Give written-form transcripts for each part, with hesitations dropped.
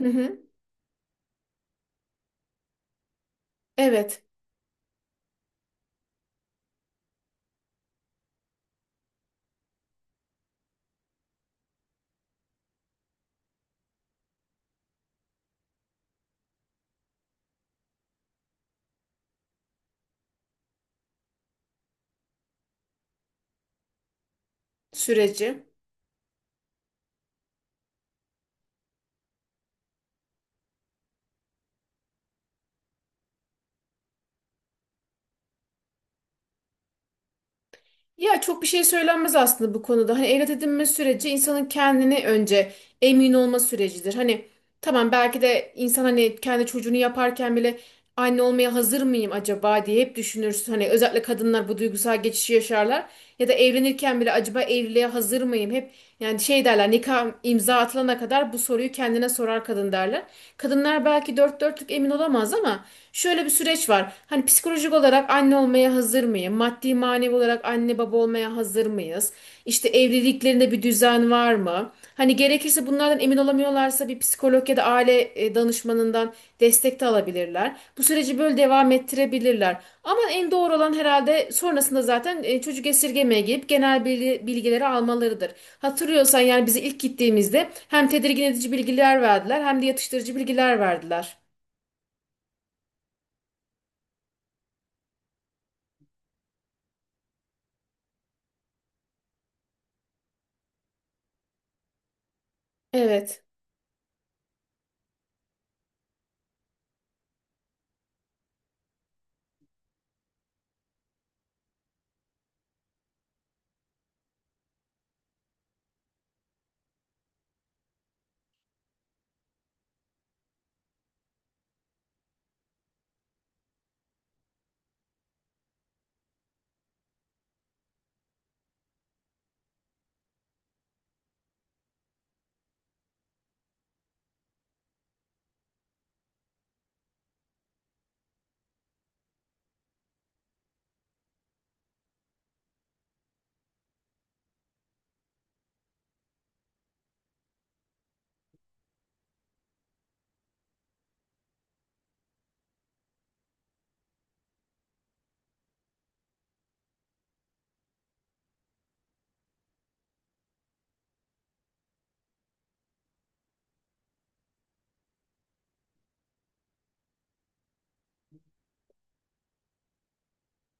Hı hı. Evet, süreci. Ya çok bir şey söylenmez aslında bu konuda. Hani evlat edinme süreci insanın kendini önce emin olma sürecidir. Hani tamam belki de insan hani kendi çocuğunu yaparken bile anne olmaya hazır mıyım acaba diye hep düşünürsün. Hani özellikle kadınlar bu duygusal geçişi yaşarlar. Ya da evlenirken bile acaba evliliğe hazır mıyım? Hep yani şey derler nikah imza atılana kadar bu soruyu kendine sorar kadın derler. Kadınlar belki dört dörtlük emin olamaz ama şöyle bir süreç var. Hani psikolojik olarak anne olmaya hazır mıyım? Maddi manevi olarak anne baba olmaya hazır mıyız? İşte evliliklerinde bir düzen var mı? Hani gerekirse bunlardan emin olamıyorlarsa bir psikolog ya da aile danışmanından destek de alabilirler. Bu süreci böyle devam ettirebilirler. Ama en doğru olan herhalde sonrasında zaten çocuk esirgemeye girip genel bilgileri almalarıdır. Hatırlıyorsan yani bize ilk gittiğimizde hem tedirgin edici bilgiler verdiler hem de yatıştırıcı bilgiler verdiler. Evet.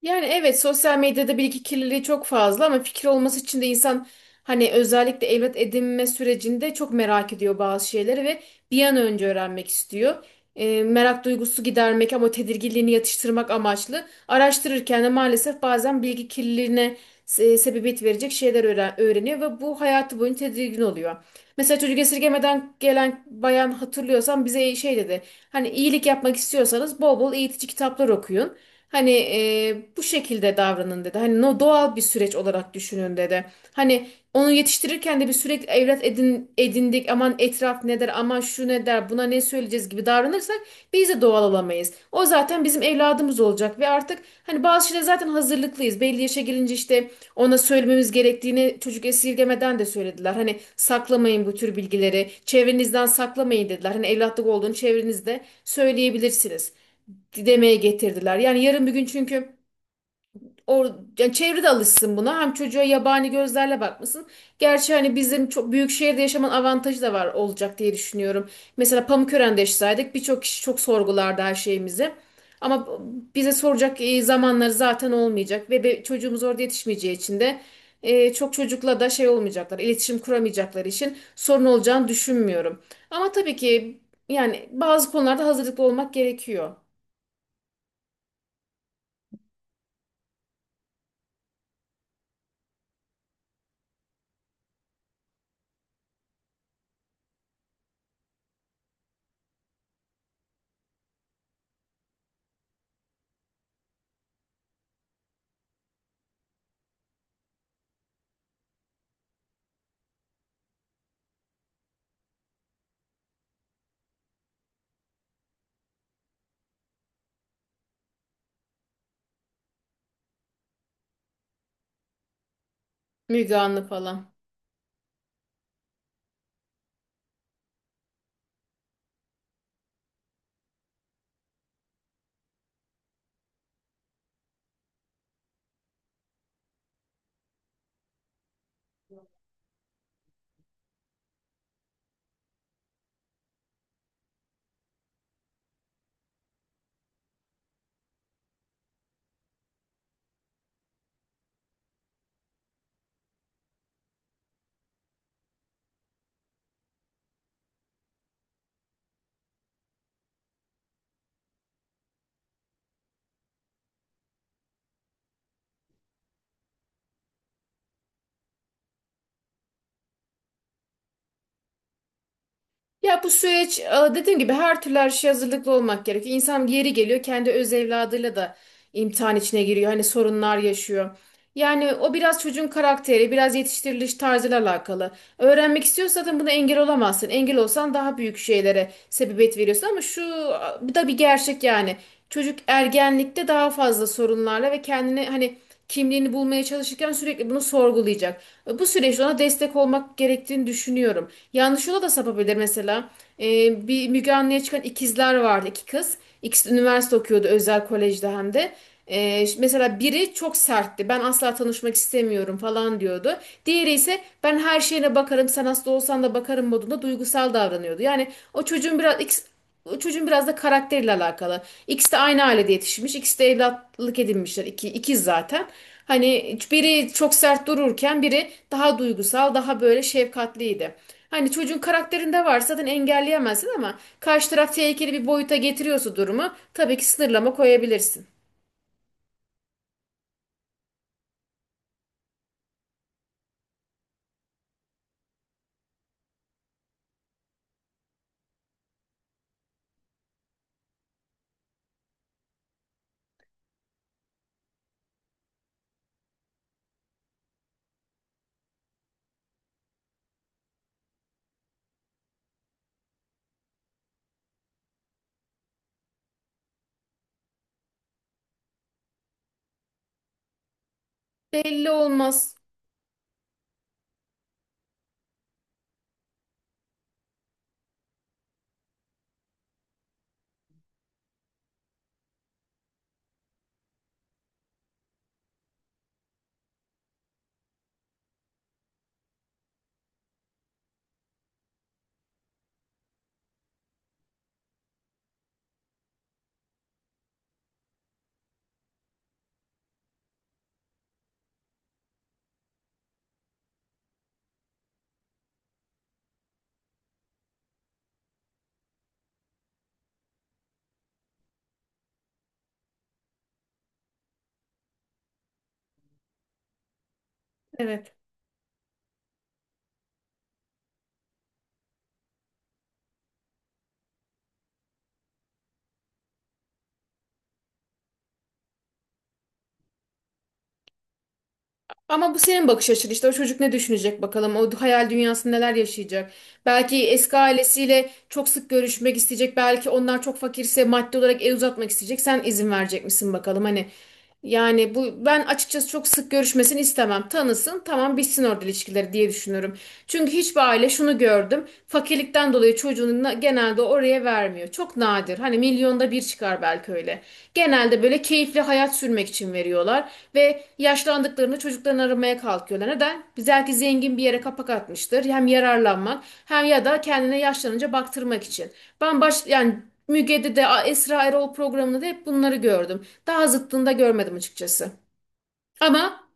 Yani evet sosyal medyada bilgi kirliliği çok fazla ama fikir olması için de insan hani özellikle evlat edinme sürecinde çok merak ediyor bazı şeyleri ve bir an önce öğrenmek istiyor. Merak duygusu gidermek ama tedirginliğini yatıştırmak amaçlı araştırırken de maalesef bazen bilgi kirliliğine sebebiyet verecek şeyler öğreniyor ve bu hayatı boyunca tedirgin oluyor. Mesela çocuk esirgemeden gelen bayan hatırlıyorsan bize şey dedi. Hani iyilik yapmak istiyorsanız bol bol eğitici kitaplar okuyun. Hani bu şekilde davranın dedi. Hani no doğal bir süreç olarak düşünün dedi. Hani onu yetiştirirken de bir sürekli evlat edindik. Aman etraf ne der, aman şu ne der, buna ne söyleyeceğiz gibi davranırsak biz de doğal olamayız. O zaten bizim evladımız olacak ve artık hani bazı şeyler zaten hazırlıklıyız. Belli yaşa gelince işte ona söylememiz gerektiğini çocuk esirgemeden de söylediler. Hani saklamayın bu tür bilgileri, çevrenizden saklamayın dediler. Hani evlatlık olduğunu çevrenizde söyleyebilirsiniz demeye getirdiler. Yani yarın bir gün çünkü Or yani çevre de alışsın buna. Hem çocuğa yabani gözlerle bakmasın. Gerçi hani bizim çok büyük şehirde yaşamanın avantajı da var olacak diye düşünüyorum. Mesela Pamukören'de yaşasaydık birçok kişi çok sorgulardı her şeyimizi. Ama bize soracak zamanları zaten olmayacak ve çocuğumuz orada yetişmeyeceği için de çok çocukla da şey olmayacaklar, iletişim kuramayacakları için sorun olacağını düşünmüyorum. Ama tabii ki yani bazı konularda hazırlıklı olmak gerekiyor. Müge Anlı falan. Ya bu süreç dediğim gibi her türlü her şeye hazırlıklı olmak gerekiyor. İnsan yeri geliyor kendi öz evladıyla da imtihan içine giriyor. Hani sorunlar yaşıyor. Yani o biraz çocuğun karakteri, biraz yetiştiriliş tarzıyla alakalı. Öğrenmek istiyorsan zaten buna engel olamazsın. Engel olsan daha büyük şeylere sebebiyet veriyorsun ama şu bu da bir gerçek yani. Çocuk ergenlikte daha fazla sorunlarla ve kendini hani kimliğini bulmaya çalışırken sürekli bunu sorgulayacak. Bu süreçte ona destek olmak gerektiğini düşünüyorum. Yanlış yola da sapabilir mesela. Bir Müge Anlı'ya çıkan ikizler vardı, iki kız. İkisi de üniversite okuyordu, özel kolejde hem de. Mesela biri çok sertti. Ben asla tanışmak istemiyorum falan diyordu. Diğeri ise ben her şeyine bakarım, sen hasta olsan da bakarım modunda duygusal davranıyordu. Yani o çocuğun biraz o çocuğun biraz da karakteriyle alakalı. İkisi de aynı ailede yetişmiş. İkisi de evlatlık edinmişler. İkiz zaten. Hani biri çok sert dururken biri daha duygusal, daha böyle şefkatliydi. Hani çocuğun karakterinde varsa zaten engelleyemezsin ama karşı taraf tehlikeli bir boyuta getiriyorsa durumu tabii ki sınırlama koyabilirsin. Belli olmaz. Evet. Ama bu senin bakış açın işte o çocuk ne düşünecek bakalım o hayal dünyasında neler yaşayacak. Belki eski ailesiyle çok sık görüşmek isteyecek belki onlar çok fakirse maddi olarak el uzatmak isteyecek sen izin verecek misin bakalım hani. Yani bu ben açıkçası çok sık görüşmesini istemem. Tanısın tamam bitsin orada ilişkileri diye düşünüyorum. Çünkü hiçbir aile şunu gördüm fakirlikten dolayı çocuğunu genelde oraya vermiyor. Çok nadir. Hani milyonda bir çıkar belki öyle. Genelde böyle keyifli hayat sürmek için veriyorlar ve yaşlandıklarını çocuklarını aramaya kalkıyorlar. Neden? Biz belki zengin bir yere kapak atmıştır. Hem yararlanmak hem ya da kendine yaşlanınca baktırmak için. Ben baş yani Müge'de de Esra Erol programında da hep bunları gördüm. Daha zıttında görmedim açıkçası. Ama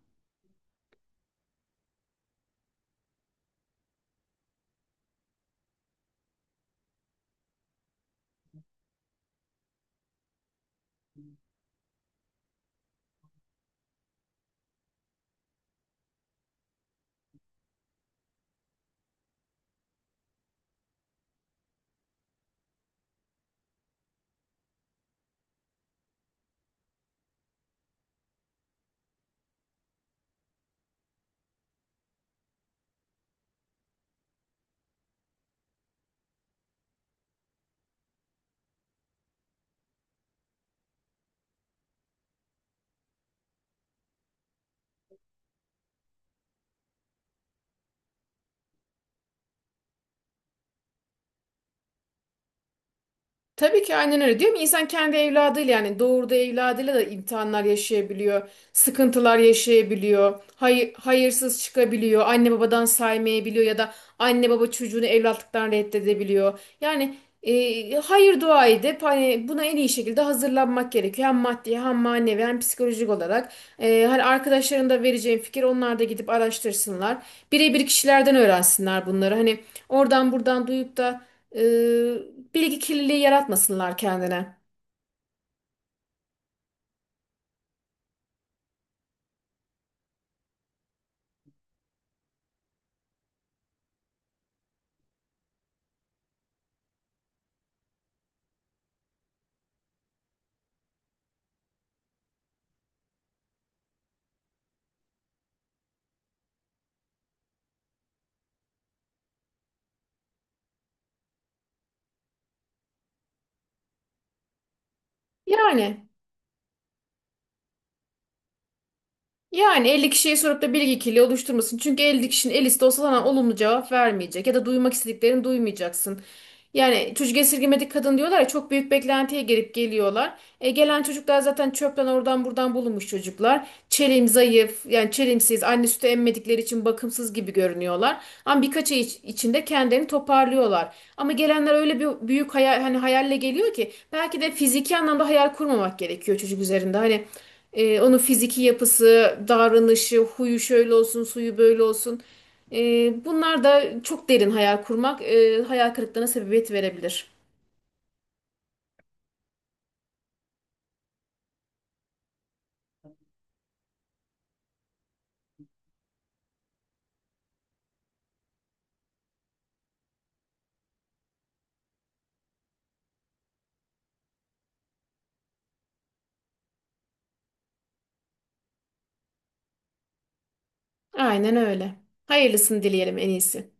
tabii ki aynen öyle. Diyorum ya, insan kendi evladıyla yani doğurduğu evladıyla da imtihanlar yaşayabiliyor, sıkıntılar yaşayabiliyor, hayır, hayırsız çıkabiliyor, anne babadan saymayabiliyor ya da anne baba çocuğunu evlatlıktan reddedebiliyor. Yani hayır dua edip hani buna en iyi şekilde hazırlanmak gerekiyor. Hem maddi hem manevi hem psikolojik olarak. Hani arkadaşların da vereceğim fikir onlar da gidip araştırsınlar. Birebir kişilerden öğrensinler bunları. Hani oradan buradan duyup da e, bilgi kirliliği yaratmasınlar kendine. Yani. Yani 50 kişiye sorup da bilgi kirliliği oluşturmasın. Çünkü 50 kişinin el liste olsa sana olumlu cevap vermeyecek. Ya da duymak istediklerini duymayacaksın. Yani çocuk esirgemedik kadın diyorlar ya çok büyük beklentiye girip geliyorlar. Gelen çocuklar zaten çöpten oradan buradan bulunmuş çocuklar. Çelim zayıf yani çelimsiz anne sütü emmedikleri için bakımsız gibi görünüyorlar. Ama birkaç ay içinde kendilerini toparlıyorlar. Ama gelenler öyle bir büyük hayal, hani hayalle geliyor ki belki de fiziki anlamda hayal kurmamak gerekiyor çocuk üzerinde. Hani onun fiziki yapısı, davranışı, huyu şöyle olsun, suyu böyle olsun. Bunlar da çok derin hayal kurmak, hayal kırıklığına sebebiyet verebilir. Aynen öyle. Hayırlısını dileyelim en iyisi.